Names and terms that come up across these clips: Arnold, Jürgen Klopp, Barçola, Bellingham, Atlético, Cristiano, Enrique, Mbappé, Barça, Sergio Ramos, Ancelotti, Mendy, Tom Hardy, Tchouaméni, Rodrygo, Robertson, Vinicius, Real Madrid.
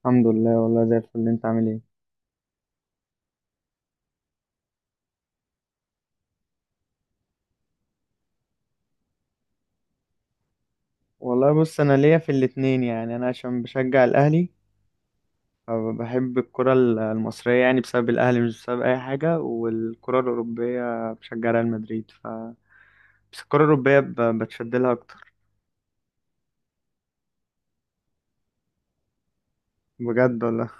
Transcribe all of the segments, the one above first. الحمد لله، والله زي الفل. انت عامل ايه؟ والله بص، انا ليا في الاتنين. يعني انا عشان بشجع الاهلي فبحب الكرة المصرية، يعني بسبب الاهلي، مش بسبب اي حاجة. والكرة الاوروبية بشجع ريال مدريد، ف بس الكرة الاوروبية بتشد لها اكتر. بجد والله.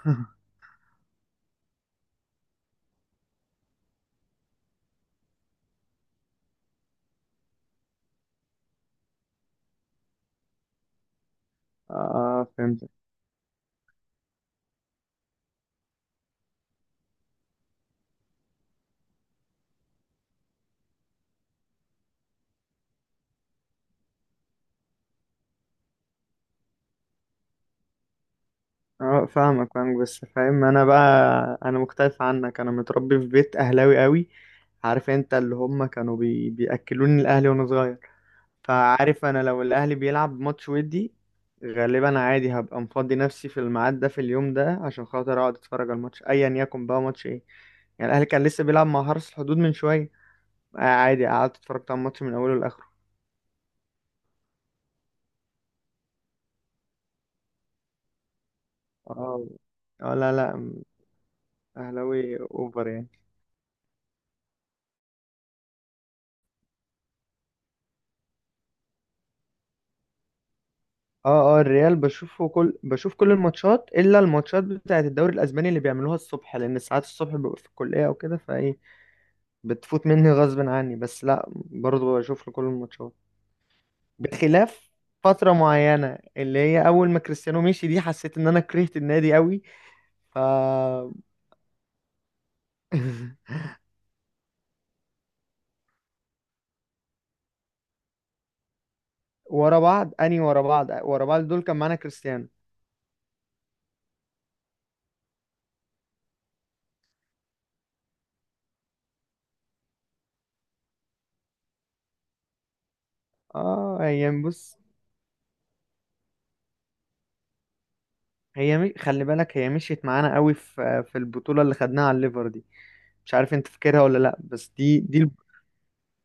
اه فهمت. اه فاهمك بس فاهم انا بقى. انا مختلف عنك، انا متربي في بيت اهلاوي قوي. عارف انت، اللي هم كانوا بياكلوني الاهلي وانا صغير. فعارف انا لو الاهلي بيلعب ماتش ودي، غالبا عادي هبقى مفضي نفسي في الميعاد ده في اليوم ده عشان خاطر اقعد اتفرج على الماتش ايا يكن بقى ماتش ايه. يعني الاهلي كان لسه بيلعب مع حرس الحدود من شويه. آه، عادي قعدت اتفرجت على الماتش من اوله لاخره. اه اه، لا لا، اهلاوي اوفر يعني. اه اه، الريال بشوفه كل، بشوف كل الماتشات الا الماتشات بتاعه الدوري الاسباني اللي بيعملوها الصبح، لان ساعات الصبح ببقى في الكليه او كده، فايه بتفوت مني غصب عني، بس لا برضه بشوف له كل الماتشات. بخلاف فترة معينة اللي هي أول ما كريستيانو مشي دي، حسيت إن أنا كرهت النادي قوي. ف ورا بعض، أني ورا بعض ورا بعض دول كان معانا كريستيانو. آه هي بص، هي مش... خلي بالك، هي مشيت معانا قوي في البطولة اللي خدناها على الليفر دي. مش عارف أنت فاكرها ولا لأ، بس دي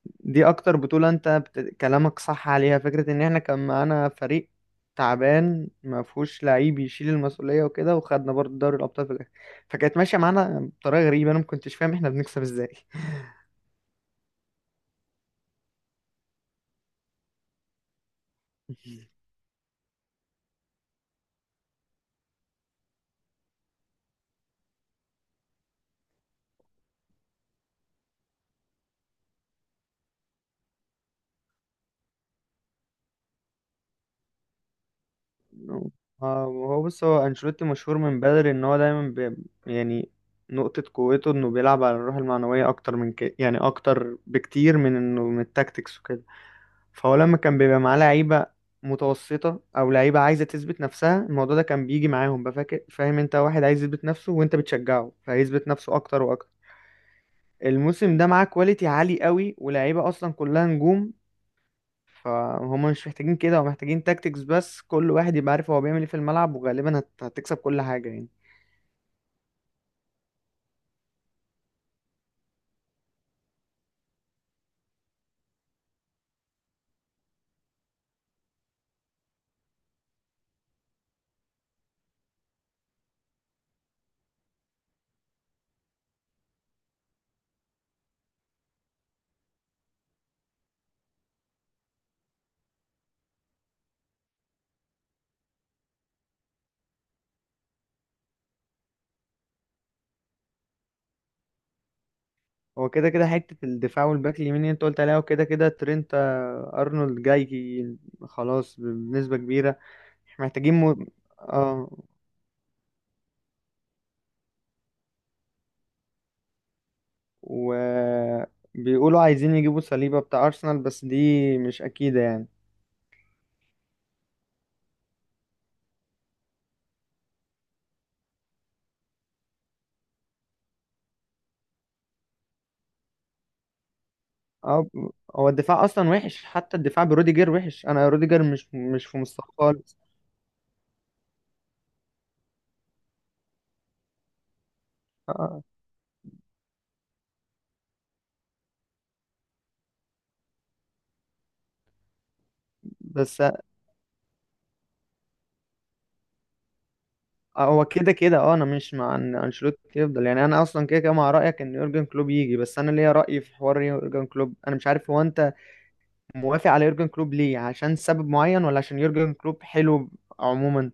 دي اكتر بطولة. انت كلامك صح عليها فكرة، ان احنا كان معانا فريق تعبان ما فيهوش لعيب يشيل المسؤولية وكده، وخدنا برضه دوري الابطال في الاخر. فكانت ماشية معانا بطريقة غريبة، انا ما كنتش فاهم احنا بنكسب ازاي. آه، هو بص، هو انشيلوتي مشهور من بدري ان هو دايما يعني نقطة قوته انه بيلعب على الروح المعنوية اكتر من كده، يعني اكتر بكتير من انه من التاكتكس وكده. فهو لما كان بيبقى معاه لعيبة متوسطة أو لعيبة عايزة تثبت نفسها، الموضوع ده كان بيجي معاهم. بفاكر فاهم أنت، واحد عايز يثبت نفسه وأنت بتشجعه، فيثبت نفسه أكتر وأكتر. الموسم ده معاه كواليتي عالي قوي ولاعيبة أصلا كلها نجوم، فهم مش محتاجين كده. هم محتاجين تاكتكس بس، كل واحد يبقى عارف هو بيعمل ايه في الملعب، وغالبا هتكسب كل حاجة يعني. هو كده كده حتة الدفاع والباك اليمين اللي انت قلت عليها، وكده كده ترينت آه، أرنولد جاي خلاص بنسبة كبيرة. إحنا محتاجين اه، وبيقولوا عايزين يجيبوا صليبة بتاع أرسنال، بس دي مش أكيدة يعني. أو هو الدفاع أصلا وحش، حتى الدفاع بروديجر وحش. أنا روديجر مش في مستواه خالص. آه، آه. بس هو كده كده اه انا مش مع ان انشيلوتي يفضل، يعني انا اصلا كده كده مع رايك ان يورجن كلوب يجي. بس انا ليا راي في حوار يورجن كلوب، انا مش عارف هو انت موافق على يورجن كلوب ليه؟ عشان سبب معين ولا عشان يورجن كلوب حلو عموما؟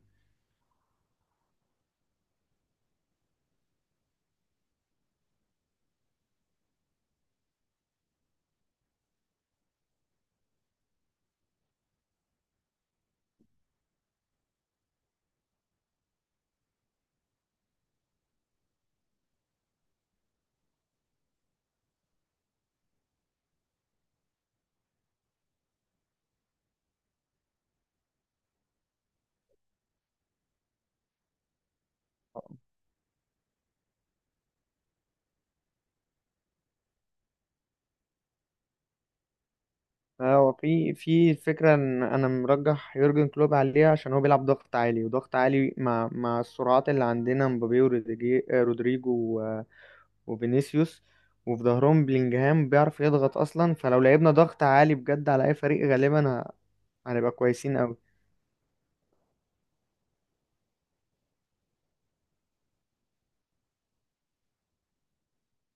آه، هو في في الفكرة، ان انا مرجح يورجن كلوب عليه عشان هو بيلعب ضغط عالي. وضغط عالي مع مع السرعات اللي عندنا، مبابي آه، رودريجو و- وفينيسيوس، وفي ظهرهم بلينجهام بيعرف يضغط اصلا. فلو لعبنا ضغط عالي بجد على اي فريق، غالبا هنبقى كويسين قوي.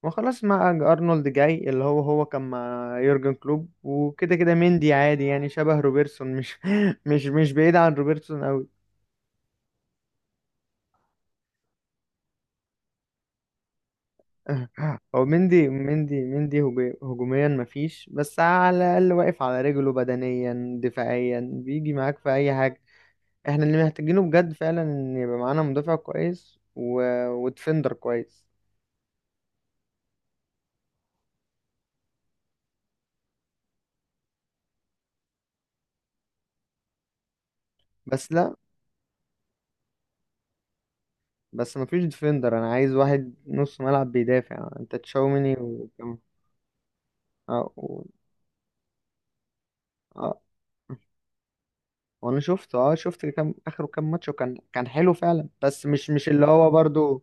وخلاص مع ارنولد جاي، اللي هو هو كان مع يورجن كلوب. وكده كده مندي عادي يعني، شبه روبرتسون، مش مش بعيد عن روبرتسون قوي. هو مندي هجوميا مفيش، بس على الأقل واقف على رجله بدنيا، دفاعيا بيجي معاك في أي حاجة. احنا اللي محتاجينه بجد فعلا، إن يبقى معانا مدافع كويس و... وديفندر كويس. بس لا، بس مفيش ديفندر. أنا عايز واحد نص ملعب بيدافع. أنت تشاوميني وكم اه و... اه، وأنا شفته اه، شفت كام آخره كام ماتش وكان كان حلو فعلا، بس مش اللي هو برضو.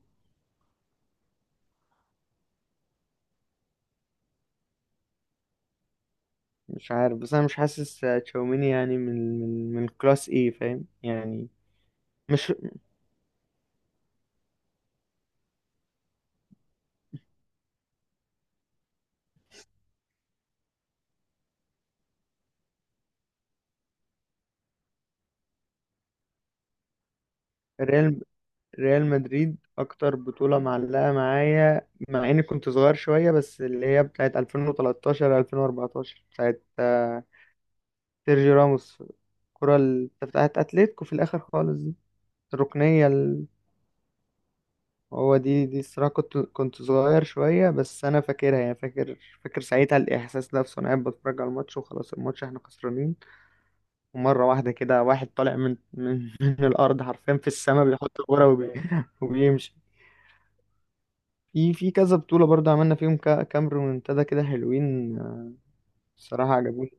مش عارف، بس انا مش حاسس تشاوميني يعني من من من الكلاس، ايه فاهم يعني؟ مش ريال، ريال مدريد اكتر بطولة معلقة معايا، مع اني كنت صغير شوية، بس اللي هي بتاعت 2013 2014، بتاعت آه، سيرجي راموس. الكرة بتاعت اتلتيكو في الاخر خالص دي، الركنية ال... هو دي دي الصراحة كنت كنت صغير شوية، بس انا فاكرها يعني. فاكر، فاكر ساعتها الاحساس نفسه، انا قاعد بتفرج على الماتش وخلاص، الماتش احنا خسرانين، ومرة واحدة كده واحد طالع من من من الأرض حرفيا في السماء، بيحط الكورة وبيمشي. في في كذا بطولة برضه عملنا فيهم كام ريمونتادا كده حلوين آه، الصراحة عجبوني.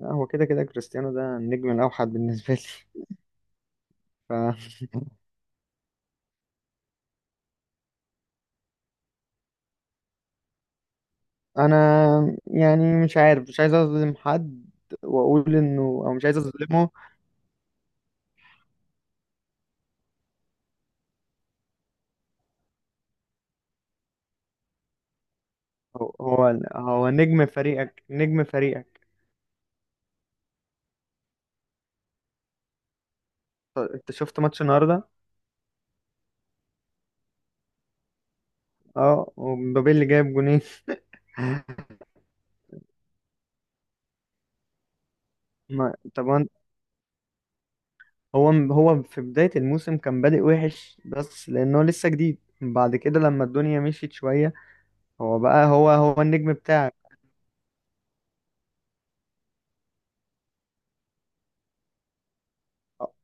لا، هو كده كده كريستيانو ده النجم الأوحد بالنسبة لي. فأنا يعني مش عارف، مش عايز أظلم حد وأقول إنه، أو مش عايز أظلمه. هو هو نجم فريقك، نجم فريقك. أنت شفت ماتش النهاردة؟ أه، ومبابي اللي جايب جونين. ما- طب، هو هو في بداية الموسم كان بادئ وحش، بس لأنه لسه جديد. بعد كده لما الدنيا مشيت شوية، هو بقى هو هو النجم بتاعك.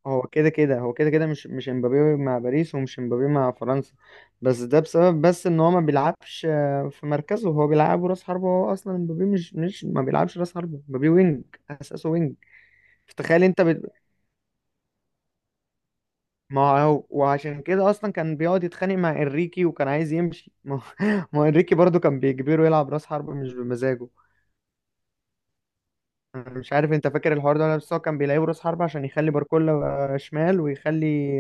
هو كده كده، هو كده كده مش مش امبابي مع باريس، ومش امبابي مع فرنسا. بس ده بسبب بس ان هو ما بيلعبش آه، في مركزه. هو بيلعبه راس حربة، هو اصلا امبابي مش، مش ما بيلعبش راس حربة، امبابي وينج، اساسه وينج. تخيل انت ما هو وعشان كده اصلا كان بيقعد يتخانق مع انريكي وكان عايز يمشي. ما هو ما هو انريكي برضو كان بيجبره يلعب راس حربة مش بمزاجه. أنا مش عارف انت فاكر الحوار ده ولا لأ، بس هو كان بيلعبه راس حربة عشان يخلي باركولا آه، شمال ويخلي.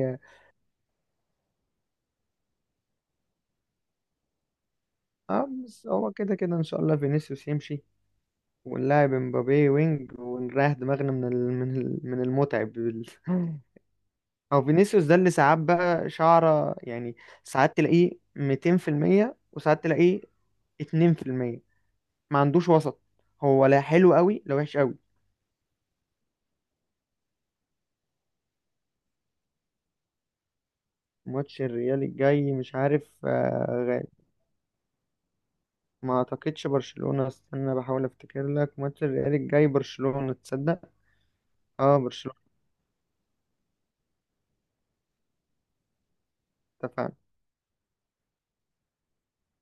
اه بس هو كده كده ان شاء الله فينيسيوس يمشي، ونلاعب امبابي وينج، ونريح دماغنا من ال... من ال... من المتعب بال... او فينيسيوس ده اللي ساعات بقى شعره يعني، ساعات تلاقيه 200% وساعات تلاقيه 2%، ما عندوش وسط، هو لا حلو قوي لا وحش قوي. ماتش الريال الجاي مش عارف آه، ما اعتقدش برشلونة، استنى بحاول افتكر لك. ماتش الريال الجاي برشلونة، تصدق؟ اه برشلونة. اتفقنا.